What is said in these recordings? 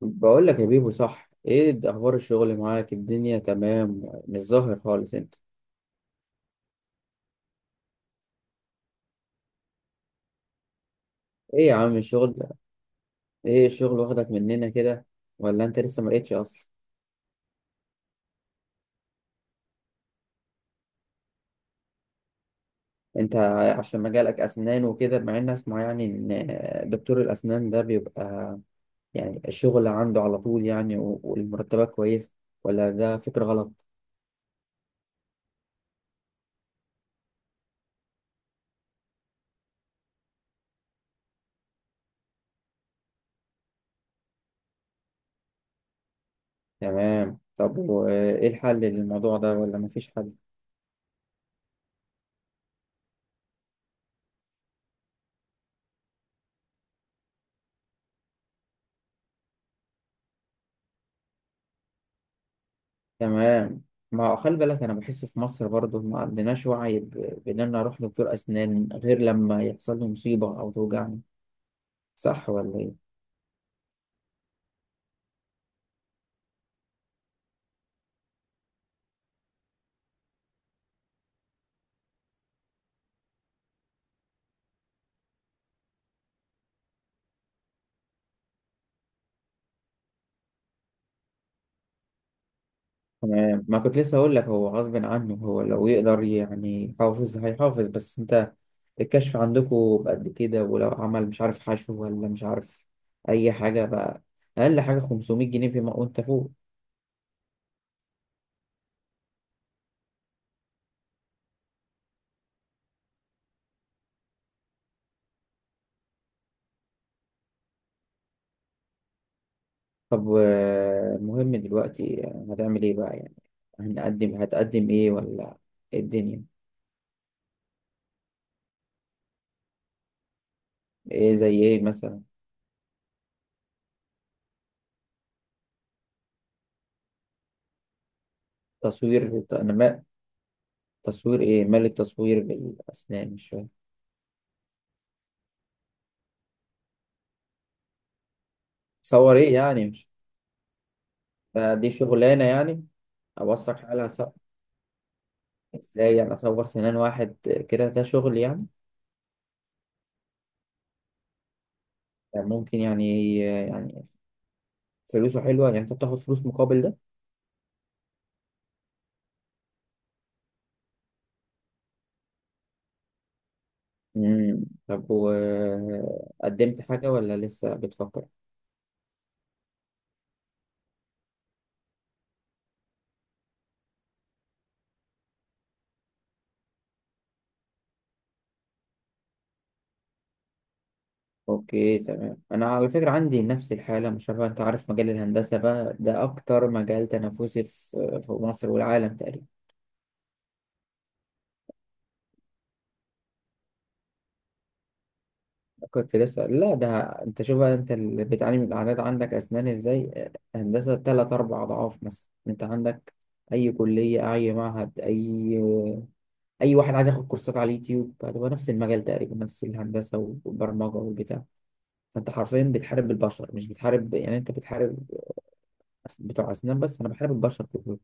بقول لك يا بيبو، صح؟ ايه ده، اخبار الشغل معاك؟ الدنيا تمام؟ مش ظاهر خالص انت. ايه يا عم الشغل ده؟ ايه الشغل واخدك مننا كده، ولا انت لسه ما لقيتش اصلا؟ انت عشان مجالك اسنان وكده، مع ان اسمع يعني، ان دكتور الاسنان ده بيبقى يعني الشغل عنده على طول يعني، والمرتبات كويسه، ولا ده فكرة غلط؟ تمام. طب وايه الحل للموضوع ده، ولا مفيش حل؟ تمام. ما هو خلي بالك، انا بحس في مصر برضه ما عندناش وعي بان انا اروح دكتور اسنان غير لما يحصل لي مصيبه او توجعني. صح ولا ايه؟ تمام. ما كنت لسه اقول لك، هو غصب عنه، هو لو يقدر يعني يحافظ هيحافظ. بس انت الكشف عندكم بقد كده؟ ولو عمل مش عارف حشو، ولا مش عارف اي حاجه بقى، اقل حاجه 500 جنيه فيما وانت فوق. طب المهم دلوقتي هتعمل ايه بقى يعني؟ هنقدم، هتقدم ايه، ولا إيه الدنيا؟ ايه زي ايه مثلا؟ تصوير، ت- انا ما تصوير ايه؟ مال التصوير بالاسنان؟ مش فاهم. صور ايه يعني؟ مش ده، دي شغلانه يعني؟ ابصك على ازاي يعني اصور سنان واحد كده؟ ده شغل يعني؟ يعني ممكن يعني يعني فلوسه حلوه يعني؟ انت بتاخد فلوس مقابل ده؟ امم، طب وقدمت حاجه ولا لسه بتفكر؟ اوكي، تمام. انا على فكره عندي نفس الحاله، مش عارف، انت عارف مجال الهندسه بقى ده اكتر مجال تنافسي في في مصر والعالم تقريبا. كنت لسه، لا ده، انت شوف بقى، انت اللي بتعاني من الاعداد عندك اسنان، ازاي هندسه؟ تلات اربع اضعاف مثلا، انت عندك اي كليه، اي معهد، اي اي واحد عايز ياخد كورسات على اليوتيوب هتبقى نفس المجال تقريبا، نفس الهندسه والبرمجه والبتاع. فانت حرفيا بتحارب البشر، مش بتحارب يعني، انت بتحارب بتوع اسنان بس، انا بحارب البشر كلهم.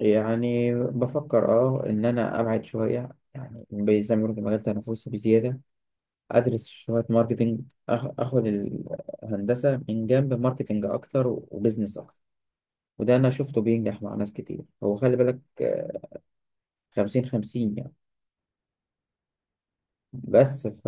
يعني بفكر اه ان انا ابعد شويه يعني، زي ما بيقولوا في المجال تنافسي بزياده. ادرس شويه ماركتنج، اخد الهندسه من جنب، ماركتنج اكتر وبزنس اكتر. وده انا شفته بينجح مع ناس كتير. هو خلي بالك، 50/50 يعني. بس ف،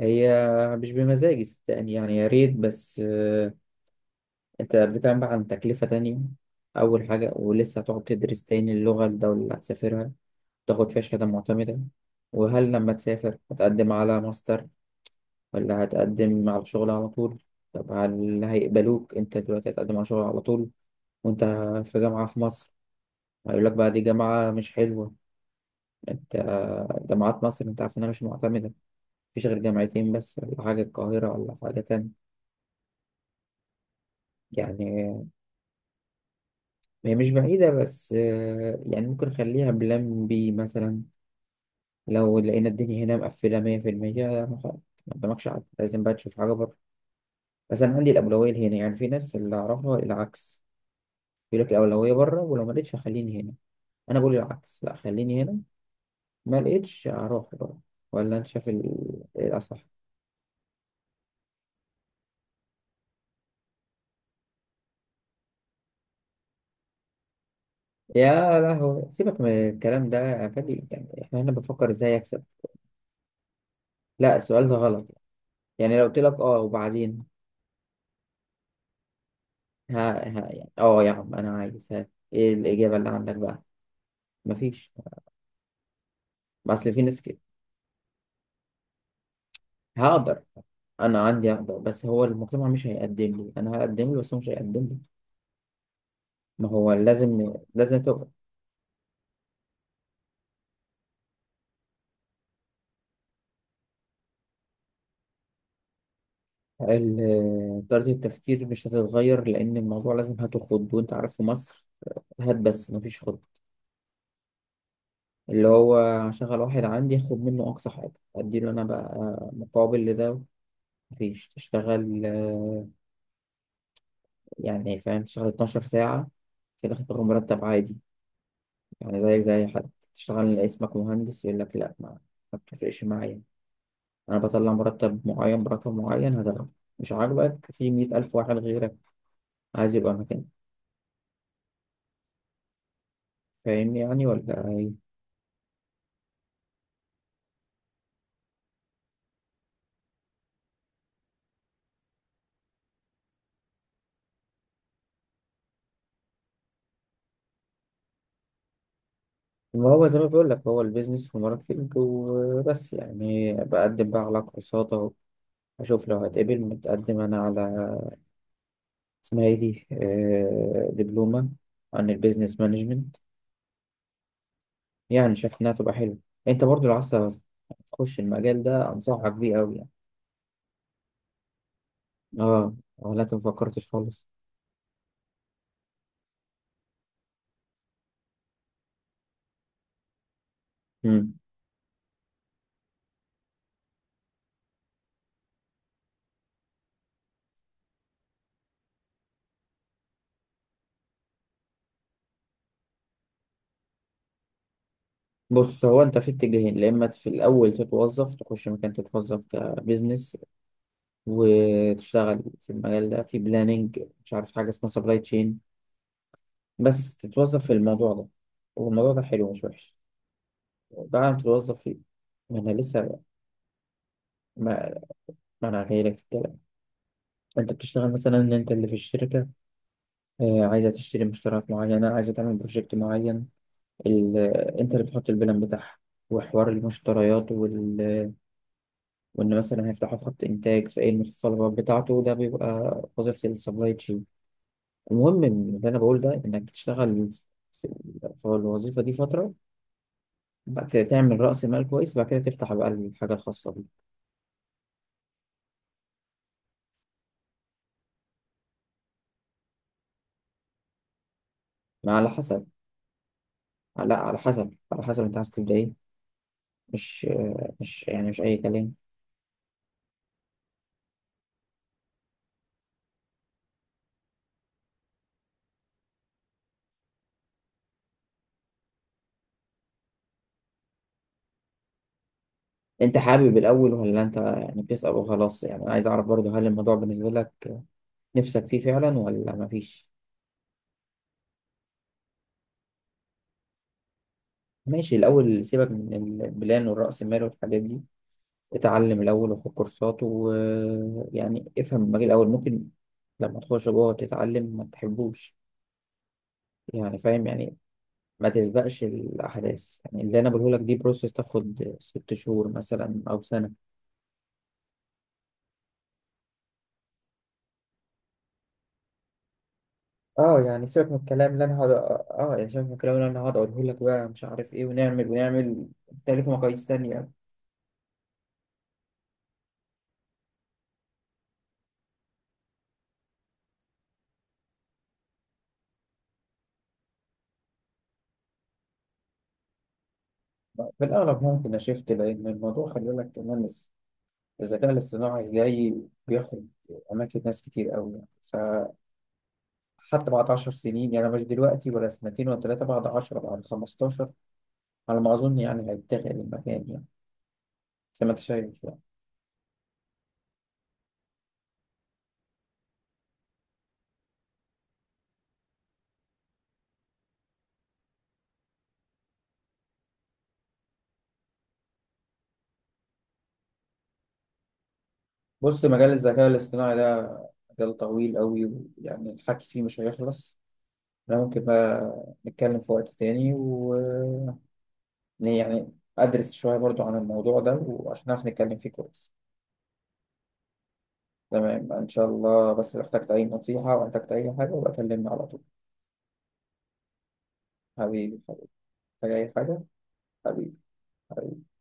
هي مش بمزاجي صدقني يعني، يا ريت، بس انت بتتكلم بقى عن تكلفة تانية. أول حاجة ولسه هتقعد تدرس تاني اللغة، الدولة اللي هتسافرها تاخد فيها شهادة معتمدة. وهل لما تسافر هتقدم على ماستر، ولا هتقدم على شغل على طول؟ طب هل هيقبلوك انت دلوقتي هتقدم على شغل على طول، وانت في جامعة في مصر؟ هيقول لك بقى دي جامعة مش حلوة. انت جامعات مصر انت عارف انها مش معتمدة، مفيش غير جامعتين بس، ولا حاجة، القاهرة ولا حاجة تانية. يعني هي مش بعيدة، بس يعني ممكن نخليها بلان بي مثلا، لو لقينا الدنيا هنا مقفلة 100%، ما قدامكش عقل، لازم بقى تشوف حاجة بره. بس أنا عندي الأولوية هنا يعني. في ناس اللي أعرفها العكس، يقول لك الأولوية بره، ولو ما لقيتش خليني هنا. أنا بقول العكس، لا خليني هنا، ما لقيتش هروح بره. ولا أنت شايف إيه الأصح؟ يا لهوي، سيبك من الكلام ده يا فادي، يعني إحنا هنا بنفكر إزاي أكسب. لا السؤال ده غلط، يعني لو قلت لك أه، وبعدين؟ ها ها، يعني أه يا عم أنا عايز ها، إيه الإجابة اللي عندك بقى؟ مفيش. ما أصل في ناس كده. هقدر، أنا عندي أقدر، بس هو المجتمع مش هيقدم لي، أنا هقدم له بس هو مش هيقدم لي. ما هو لازم، تبقى طريقة التفكير مش هتتغير، لأن الموضوع لازم هات وخد، وأنت عارف في مصر هات بس مفيش خد. اللي هو هشغل واحد عندي، هاخد منه أقصى حاجة، أديله أنا بقى مقابل لده. مفيش، تشتغل يعني فاهم، تشتغل 12 ساعة في الآخر تاخد مرتب عادي. يعني زي زي حد تشتغل اسمك مهندس، يقول لك لأ، ما ما بتفرقش معايا، أنا بطلع مرتب معين برقم معين هتاخده، مش عاجبك في 100 ألف واحد غيرك عايز يبقى مكانك. فاهمني يعني ولا إيه؟ ما هو زي ما بقول لك، هو البيزنس وماركتنج وبس يعني. بقدم بقى على كورسات اهو، اشوف لو هتقبل. متقدم انا على، اسمها ايه دي، دبلومة عن البيزنس مانجمنت. يعني شايف انها تبقى حلوة. انت برضو لو عايز تخش المجال ده انصحك بيه قوي يعني. اه، ولا انت مفكرتش خالص؟ مم. بص، هو انت في اتجاهين، يا اما في الاول تتوظف، تخش مكان تتوظف كبيزنس، وتشتغل في المجال ده، في بلاننج، مش عارف حاجه اسمها سبلاي تشين، بس تتوظف في الموضوع ده. والموضوع ده حلو مش وحش بعد ما تتوظف فيه. ما انا لسه، ما, ما انا جاي لك في الكلام. انت بتشتغل مثلا ان انت اللي في الشركه عايزه تشتري مشتريات معينه، عايزه تعمل بروجكت معين، ال... آه، انت اللي بتحط البلان بتاعها، وحوار المشتريات وان مثلا هيفتحوا خط انتاج، في ايه المتطلبات بتاعته، ده بيبقى وظيفه السبلاي تشين. المهم إن اللي انا بقول ده، انك تشتغل في في الوظيفه دي فتره، بعد كده تعمل رأس مال كويس، بعد كده تفتح بقى الحاجة الخاصة بيك. ما على حسب، لا على حسب، على حسب انت عايز تبدأ ايه. مش مش يعني، مش أي كلام. انت حابب الأول، ولا انت يعني بتسأل وخلاص؟ يعني أنا عايز أعرف برضه، هل الموضوع بالنسبة لك نفسك فيه فعلا ولا مفيش؟ ماشي. الأول سيبك من البلان والرأس المال والحاجات دي، اتعلم الأول وخد كورسات، ويعني افهم المجال الأول. ممكن لما تخش جوه تتعلم ما تحبوش يعني، فاهم يعني؟ ما تسبقش الأحداث، يعني اللي أنا بقوله لك دي بروسيس تاخد 6 شهور مثلا أو سنة. اه يعني، سيبك من الكلام اللي انا هقعد اه يعني، شايف الكلام اللي أنا هقعد أقوله لك بقى، مش عارف إيه ونعمل ونعمل، تالف مقاييس تانية. في الأغلب ممكن أشفت، لأن الموضوع خلي بالك كمان الذكاء الاصطناعي جاي بياخد أماكن ناس كتير أوي يعني. فحتى بعد 10 سنين، يعني مش دلوقتي ولا سنتين ولا 3، بعد 10، بعد 15، على ما أظن يعني هيتغير المكان يعني، زي ما أنت شايف يعني. بص، مجال الذكاء الاصطناعي ده مجال طويل قوي، ويعني الحكي فيه مش هيخلص. انا ممكن بقى نتكلم في وقت تاني، و يعني ادرس شوية برضو عن الموضوع ده، وعشان نعرف نتكلم فيه كويس. تمام، ان شاء الله. بس لو احتجت اي نصيحة، او احتجت اي حاجة، بكلمني على طول. حبيبي، حبيبي، محتاج اي حاجة. حبيبي، حبيبي.